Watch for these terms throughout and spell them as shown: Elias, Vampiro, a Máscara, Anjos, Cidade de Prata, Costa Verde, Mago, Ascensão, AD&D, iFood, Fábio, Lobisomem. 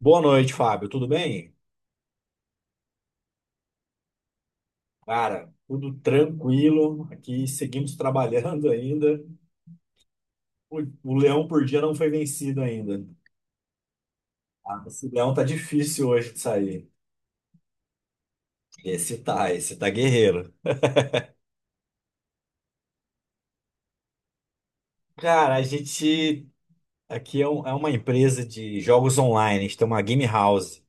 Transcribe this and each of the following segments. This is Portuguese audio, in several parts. Boa noite, Fábio. Tudo bem? Cara, tudo tranquilo. Aqui seguimos trabalhando ainda. O leão por dia não foi vencido ainda. Ah, esse leão tá difícil hoje de sair. Esse tá guerreiro. Cara, a gente aqui é uma empresa de jogos online. A gente tem uma game house.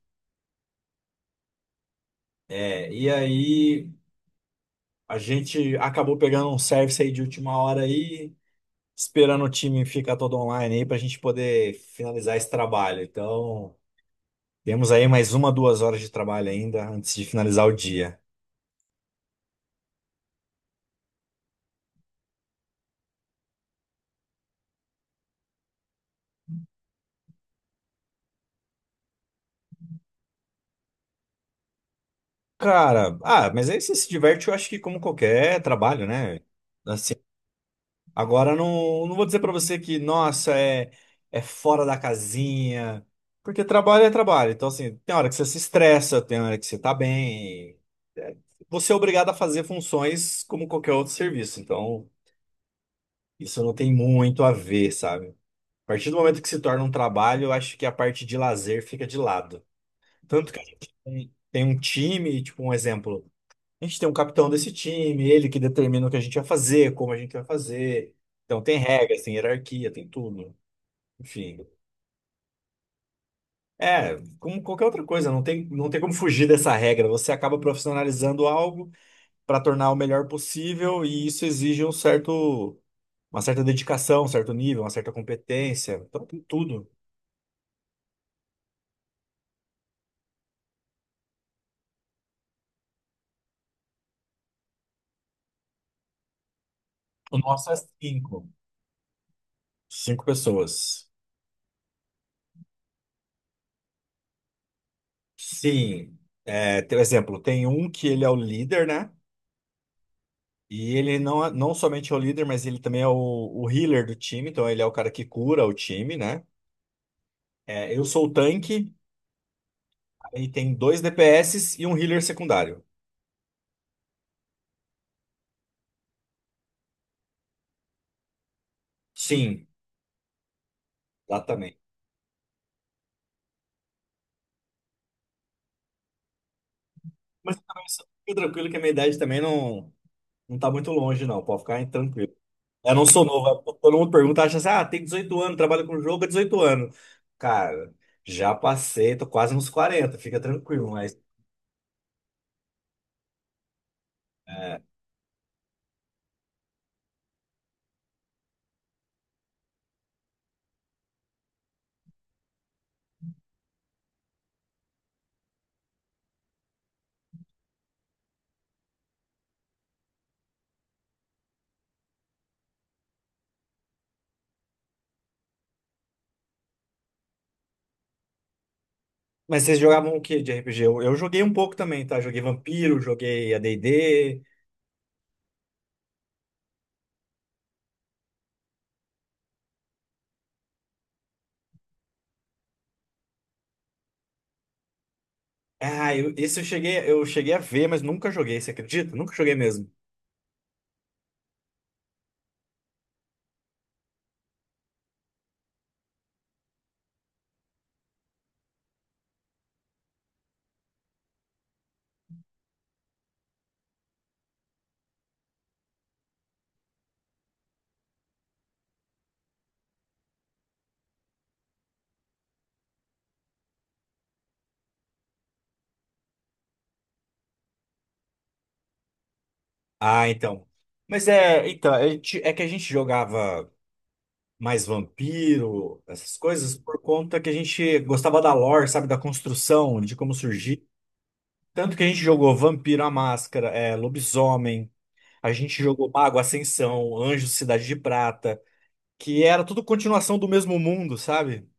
É, e aí a gente acabou pegando um service aí de última hora aí, esperando o time ficar todo online aí pra gente poder finalizar esse trabalho. Então, temos aí mais uma, 2 horas de trabalho ainda antes de finalizar o dia. Cara, ah, mas aí você se diverte, eu acho que como qualquer trabalho, né? Assim, agora não vou dizer pra você que, nossa, é fora da casinha, porque trabalho é trabalho. Então, assim, tem hora que você se estressa, tem hora que você tá bem. É, você é obrigado a fazer funções como qualquer outro serviço. Então, isso não tem muito a ver, sabe? A partir do momento que se torna um trabalho, eu acho que a parte de lazer fica de lado. Tanto que a gente tem, um time, tipo um exemplo. A gente tem um capitão desse time, ele que determina o que a gente vai fazer, como a gente vai fazer. Então tem regras, tem hierarquia, tem tudo. Enfim. É, como qualquer outra coisa, não tem como fugir dessa regra. Você acaba profissionalizando algo para tornar o melhor possível e isso exige um certo, uma certa dedicação, um certo nível, uma certa competência. Então tem tudo. O nosso é cinco. Cinco pessoas. Sim, exemplo, tem um que ele é o líder, né? E ele não somente é o líder, mas ele também é o healer do time, então ele é o cara que cura o time, né? É, eu sou o tanque, aí tem dois DPS e um healer secundário. Sim, exatamente. Mas eu também só fica tranquilo que a minha idade também não, não tá muito longe, não, pode ficar tranquilo. Eu não sou novo, todo mundo pergunta, acha assim, ah, tem 18 anos, trabalha com jogo há 18 anos. Cara, já passei, tô quase nos 40, fica tranquilo, mas. é, Mas vocês jogavam o que de RPG? Eu joguei um pouco também, tá? Joguei Vampiro, joguei a AD&D. Ah, esse eu cheguei a ver, mas nunca joguei, você acredita? Nunca joguei mesmo. Ah, então, mas então, é que a gente jogava mais Vampiro, essas coisas, por conta que a gente gostava da lore, sabe? Da construção, de como surgir. Tanto que a gente jogou Vampiro, a Máscara, Lobisomem, a gente jogou Mago, Ascensão, Anjos, Cidade de Prata, que era tudo continuação do mesmo mundo, sabe?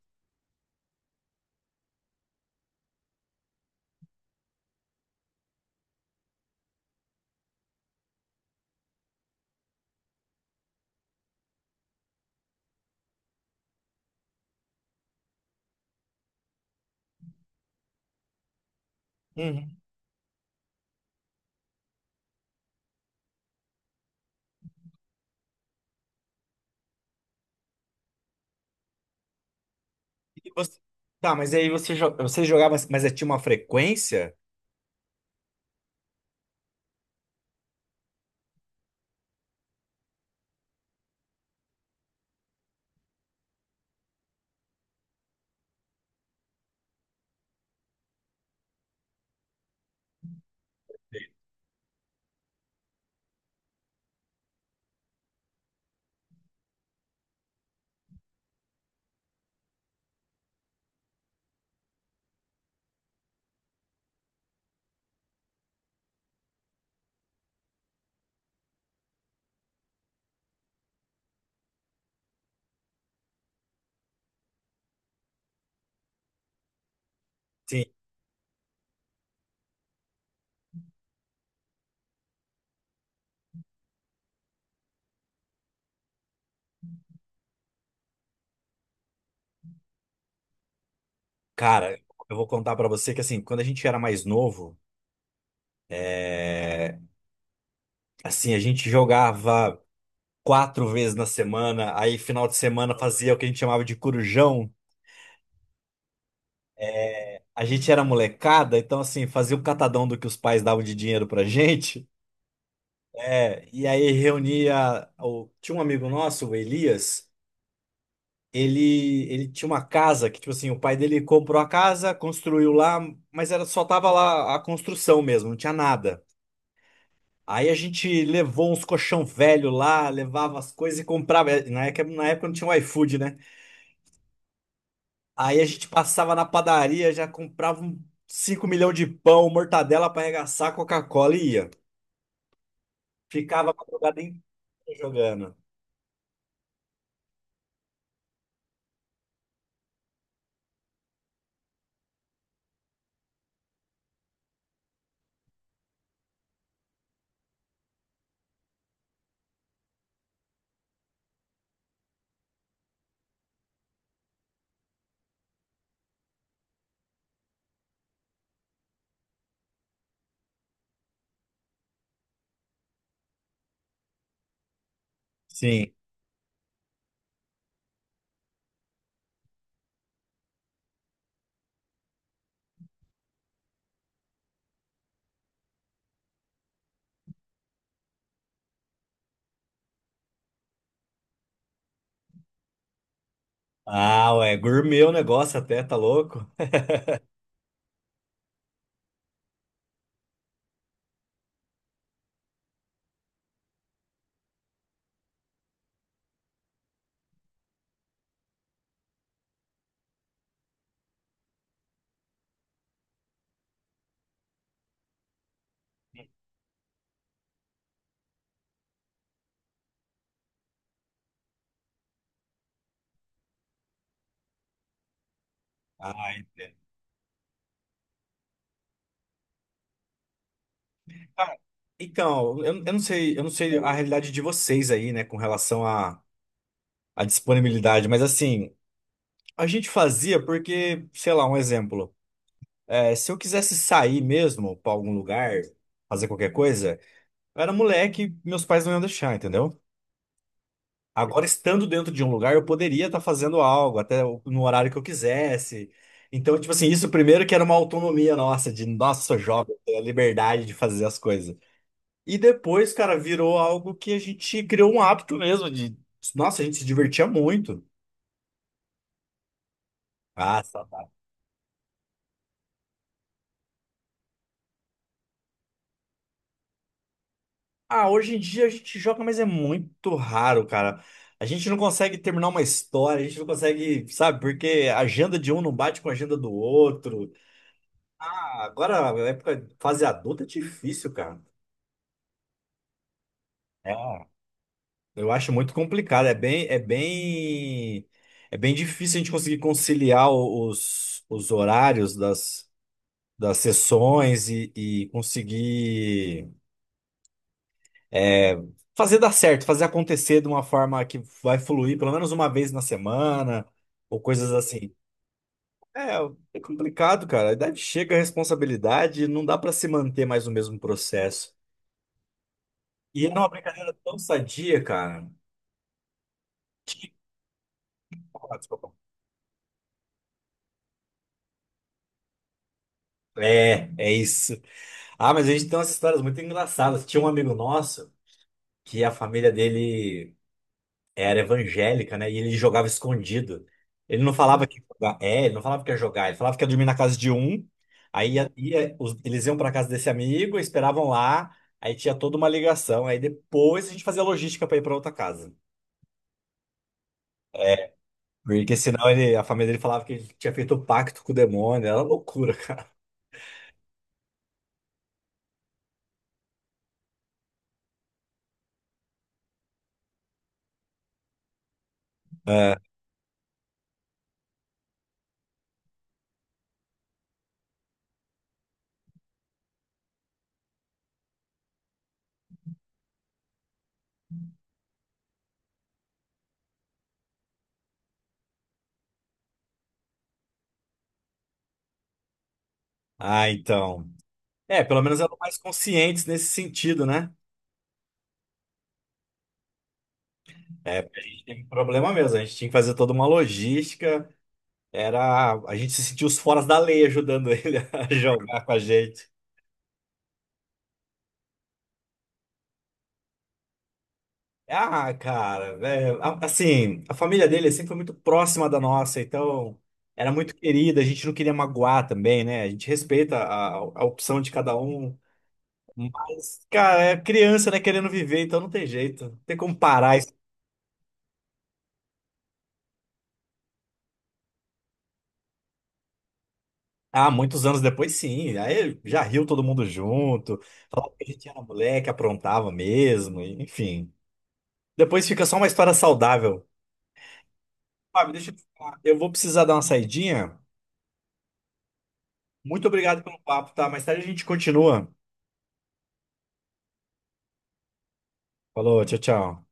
E você- Tá, mas aí você jogava, mas tinha uma frequência? Sim. Cara, eu vou contar pra você que assim, quando a gente era mais novo, é, assim, a gente jogava quatro vezes na semana, aí final de semana fazia o que a gente chamava de corujão. A gente era molecada, então assim, fazia um catadão do que os pais davam de dinheiro pra gente. É, e aí reunia. Tinha um amigo nosso, o Elias. Ele tinha uma casa que, tipo assim, o pai dele comprou a casa, construiu lá, mas era só tava lá a construção mesmo, não tinha nada. Aí a gente levou uns colchão velho lá, levava as coisas e comprava. Na época não tinha o iFood, né? Aí a gente passava na padaria, já comprava um 5 milhões de pão, mortadela pra arregaçar, Coca-Cola e ia. Ficava a madrugada inteira jogando. Sim. Ah, ué, gourmet o negócio até, tá louco? Ah, entendo. Então, eu não sei a realidade de vocês aí, né, com relação à disponibilidade, mas assim, a gente fazia porque, sei lá, um exemplo, se eu quisesse sair mesmo pra algum lugar, fazer qualquer coisa, eu era moleque, meus pais não iam deixar, entendeu? Agora, estando dentro de um lugar, eu poderia estar fazendo algo, até no horário que eu quisesse. Então, tipo assim, isso primeiro que era uma autonomia nossa, de nossa, jovem, ter a liberdade de fazer as coisas. E depois, cara, virou algo que a gente criou um hábito mesmo de. Nossa, a gente se divertia muito. Ah, saudade. Ah, hoje em dia a gente joga, mas é muito raro, cara. A gente não consegue terminar uma história, a gente não consegue, sabe, porque a agenda de um não bate com a agenda do outro. Ah, agora, a época, fase adulta é difícil, cara. É, eu acho muito complicado. É bem difícil a gente conseguir conciliar os horários das sessões e conseguir é, fazer dar certo, fazer acontecer de uma forma que vai fluir pelo menos uma vez na semana ou coisas assim. É, é complicado, cara. A idade chega, a responsabilidade, não dá pra se manter mais no mesmo processo. E é uma brincadeira tão sadia, cara. Tinha- ah, desculpa. É isso. Ah, mas a gente tem umas histórias muito engraçadas. Tinha um amigo nosso que a família dele era evangélica, né? E ele jogava escondido. Ele não falava que ia jogar. É, ele não falava que ia jogar. Ele falava que ia dormir na casa de um. Aí eles iam para casa desse amigo, esperavam lá. Aí tinha toda uma ligação. Aí depois a gente fazia logística para ir para outra casa. É, porque senão a família dele falava que ele tinha feito um pacto com o demônio. Era loucura, cara. É. Ah, então. É, pelo menos eram mais conscientes nesse sentido, né? É, porque a gente teve problema mesmo. A gente tinha que fazer toda uma logística. A gente se sentiu os foras da lei ajudando ele a jogar com a gente. Ah, cara, assim, a família dele sempre foi muito próxima da nossa, então era muito querida, a gente não queria magoar também, né? A gente respeita a opção de cada um, mas, cara, é criança, né, querendo viver, então não tem jeito, não tem como parar isso. Ah, muitos anos depois, sim, aí já riu todo mundo junto, falava que a gente era moleque, aprontava mesmo, enfim. Depois fica só uma história saudável. Fábio, deixa eu te falar. Eu vou precisar dar uma saidinha. Muito obrigado pelo papo, tá? Mais tarde a gente continua. Falou, tchau, tchau.